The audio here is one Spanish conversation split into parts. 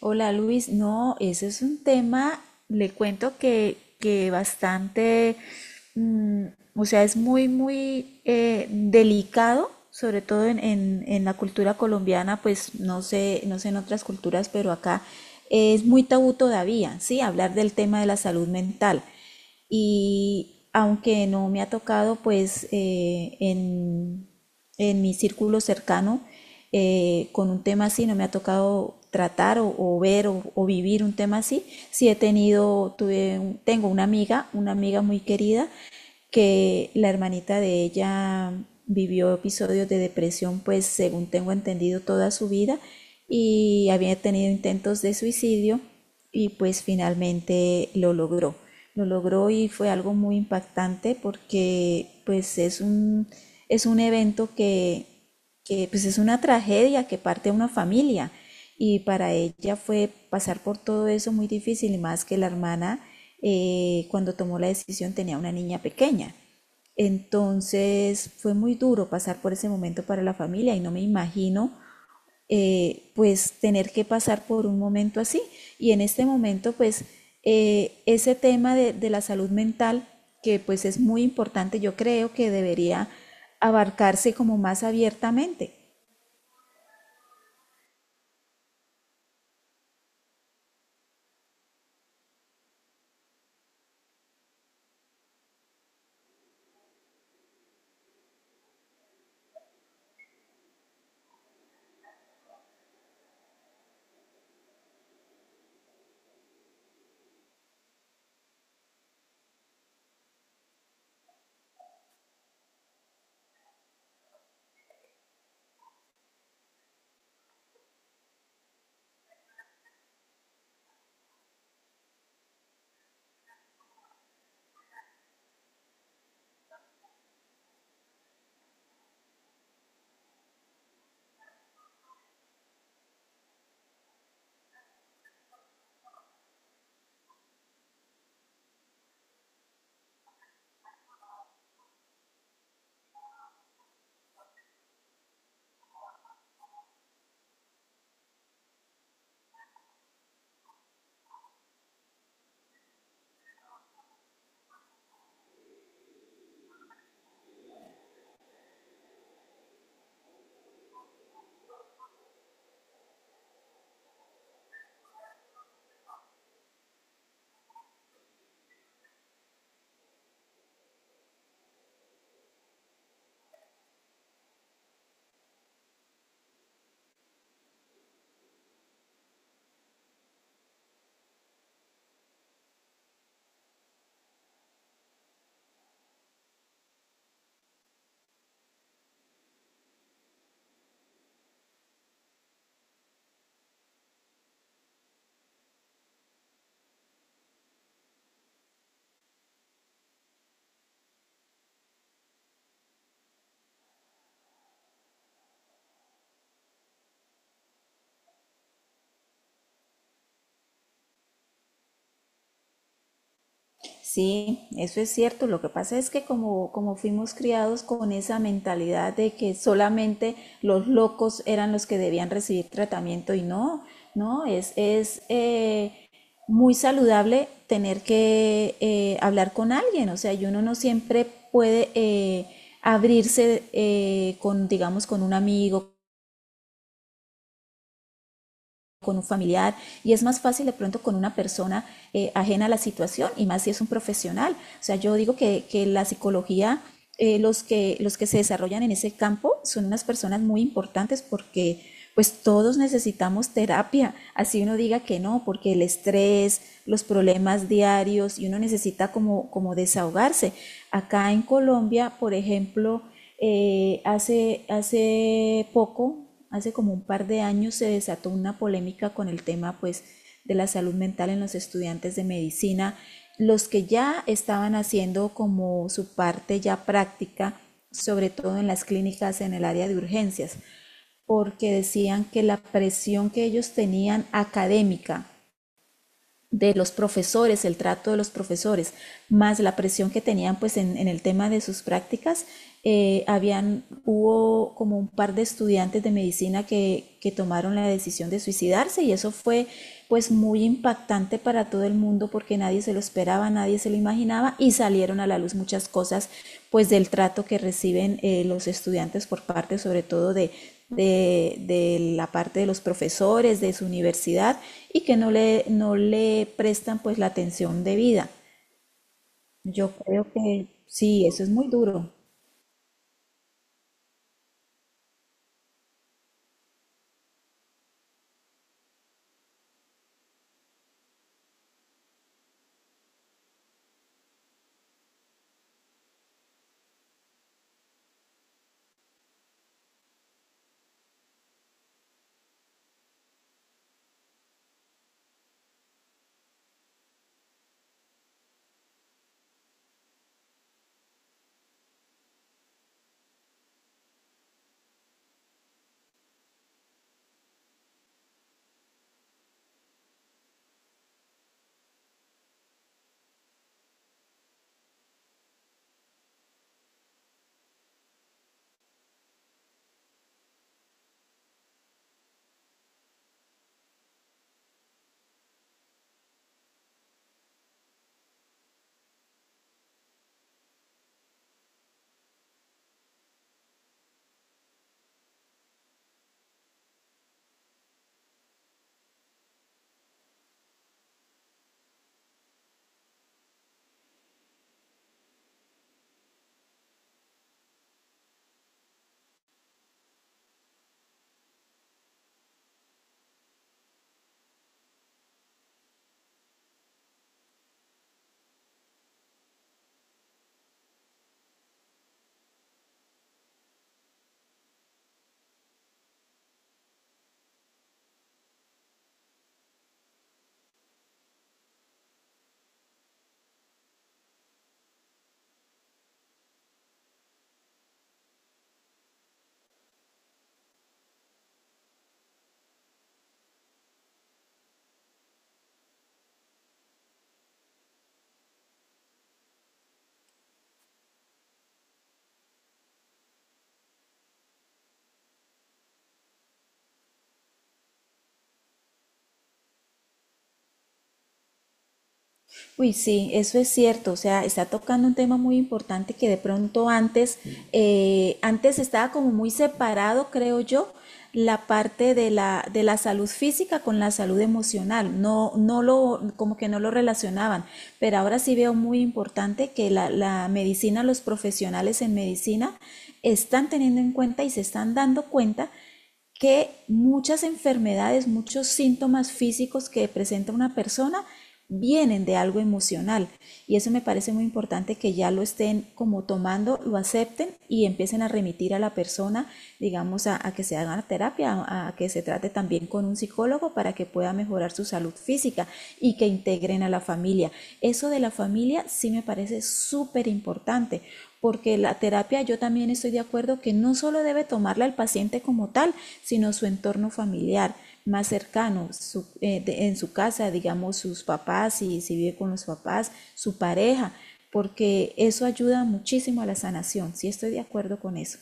Hola Luis, no, ese es un tema, le cuento que bastante. Mm, o sea, es muy, muy delicado, sobre todo en, en la cultura colombiana, pues no sé, no sé en otras culturas, pero acá es muy tabú todavía, ¿sí? Hablar del tema de la salud mental. Y aunque no me ha tocado, pues en mi círculo cercano, con un tema así, no me ha tocado tratar o ver o vivir un tema así. Sí he tenido, tuve, tengo una amiga muy querida, que la hermanita de ella vivió episodios de depresión, pues según tengo entendido, toda su vida y había tenido intentos de suicidio y pues finalmente lo logró. Lo logró y fue algo muy impactante porque pues es un evento que pues es una tragedia que parte a una familia, y para ella fue pasar por todo eso muy difícil, y más que la hermana, cuando tomó la decisión, tenía una niña pequeña. Entonces fue muy duro pasar por ese momento para la familia y no me imagino, pues, tener que pasar por un momento así. Y en este momento, pues, ese tema de la salud mental, que pues es muy importante, yo creo que debería abarcarse como más abiertamente. Sí, eso es cierto. Lo que pasa es que, como fuimos criados con esa mentalidad de que solamente los locos eran los que debían recibir tratamiento, y no, no, es muy saludable tener que hablar con alguien. O sea, y uno no siempre puede abrirse, con, digamos, con un amigo, con un familiar, y es más fácil de pronto con una persona ajena a la situación, y más si es un profesional. O sea, yo digo que la psicología, los que se desarrollan en ese campo son unas personas muy importantes, porque pues todos necesitamos terapia, así uno diga que no, porque el estrés, los problemas diarios, y uno necesita como, desahogarse. Acá en Colombia, por ejemplo, hace poco, hace como un par de años, se desató una polémica con el tema, pues, de la salud mental en los estudiantes de medicina, los que ya estaban haciendo como su parte ya práctica, sobre todo en las clínicas en el área de urgencias, porque decían que la presión que ellos tenían académica, de los profesores, el trato de los profesores, más la presión que tenían pues en el tema de sus prácticas, hubo como un par de estudiantes de medicina que, tomaron la decisión de suicidarse, y eso fue pues muy impactante para todo el mundo, porque nadie se lo esperaba, nadie se lo imaginaba, y salieron a la luz muchas cosas, pues, del trato que reciben, los estudiantes, por parte sobre todo de la parte de los profesores, de su universidad, y que no le, no le prestan pues la atención debida. Yo creo que sí, eso es muy duro. Uy, sí, eso es cierto, o sea, está tocando un tema muy importante que de pronto antes estaba como muy separado, creo yo, la parte de la salud física con la salud emocional, no, como que no lo relacionaban, pero ahora sí veo muy importante que la medicina, los profesionales en medicina, están teniendo en cuenta y se están dando cuenta que muchas enfermedades, muchos síntomas físicos que presenta una persona, vienen de algo emocional. Y eso me parece muy importante, que ya lo estén como tomando, lo acepten, y empiecen a remitir a la persona, digamos, a que se haga terapia, a, que se trate también con un psicólogo, para que pueda mejorar su salud física, y que integren a la familia. Eso de la familia sí me parece súper importante, porque la terapia, yo también estoy de acuerdo que no solo debe tomarla el paciente como tal, sino su entorno familiar más cercano, en su casa, digamos, sus papás, si, si vive con los papás, su pareja, porque eso ayuda muchísimo a la sanación, sí estoy de acuerdo con eso.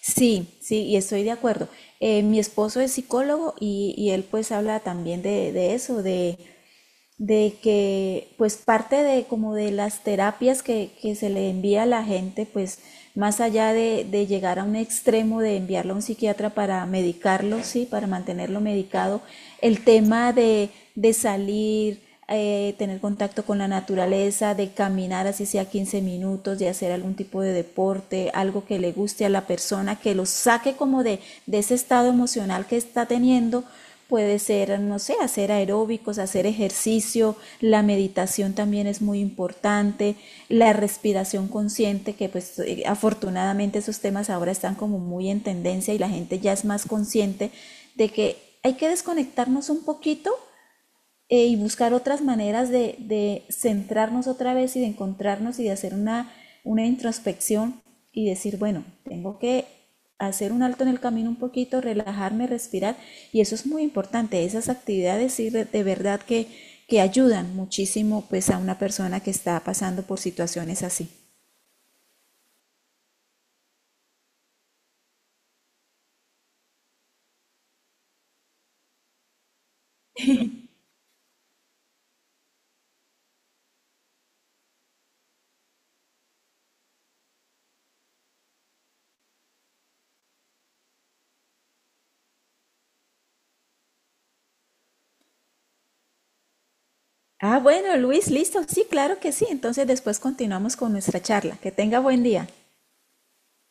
Sí, sí, y estoy de acuerdo. Mi esposo es psicólogo, y él pues habla también de, eso, de que, pues, parte de como de las terapias que se le envía a la gente, pues, más allá de, llegar a un extremo de enviarlo a un psiquiatra para medicarlo, sí, para mantenerlo medicado, el tema de salir, tener contacto con la naturaleza, de caminar así sea 15 minutos, de hacer algún tipo de deporte, algo que le guste a la persona, que lo saque como de ese estado emocional que está teniendo. Puede ser, no sé, hacer aeróbicos, hacer ejercicio, la meditación también es muy importante, la respiración consciente, que pues afortunadamente esos temas ahora están como muy en tendencia, y la gente ya es más consciente de que hay que desconectarnos un poquito, y buscar otras maneras de, centrarnos otra vez, y de encontrarnos, y de hacer una introspección, y decir, bueno, tengo que hacer un alto en el camino un poquito, relajarme, respirar. Y eso es muy importante. Esas actividades sí, de verdad que, ayudan muchísimo pues a una persona que está pasando por situaciones así. Ah, bueno, Luis, listo. Sí, claro que sí. Entonces después continuamos con nuestra charla. Que tenga buen día.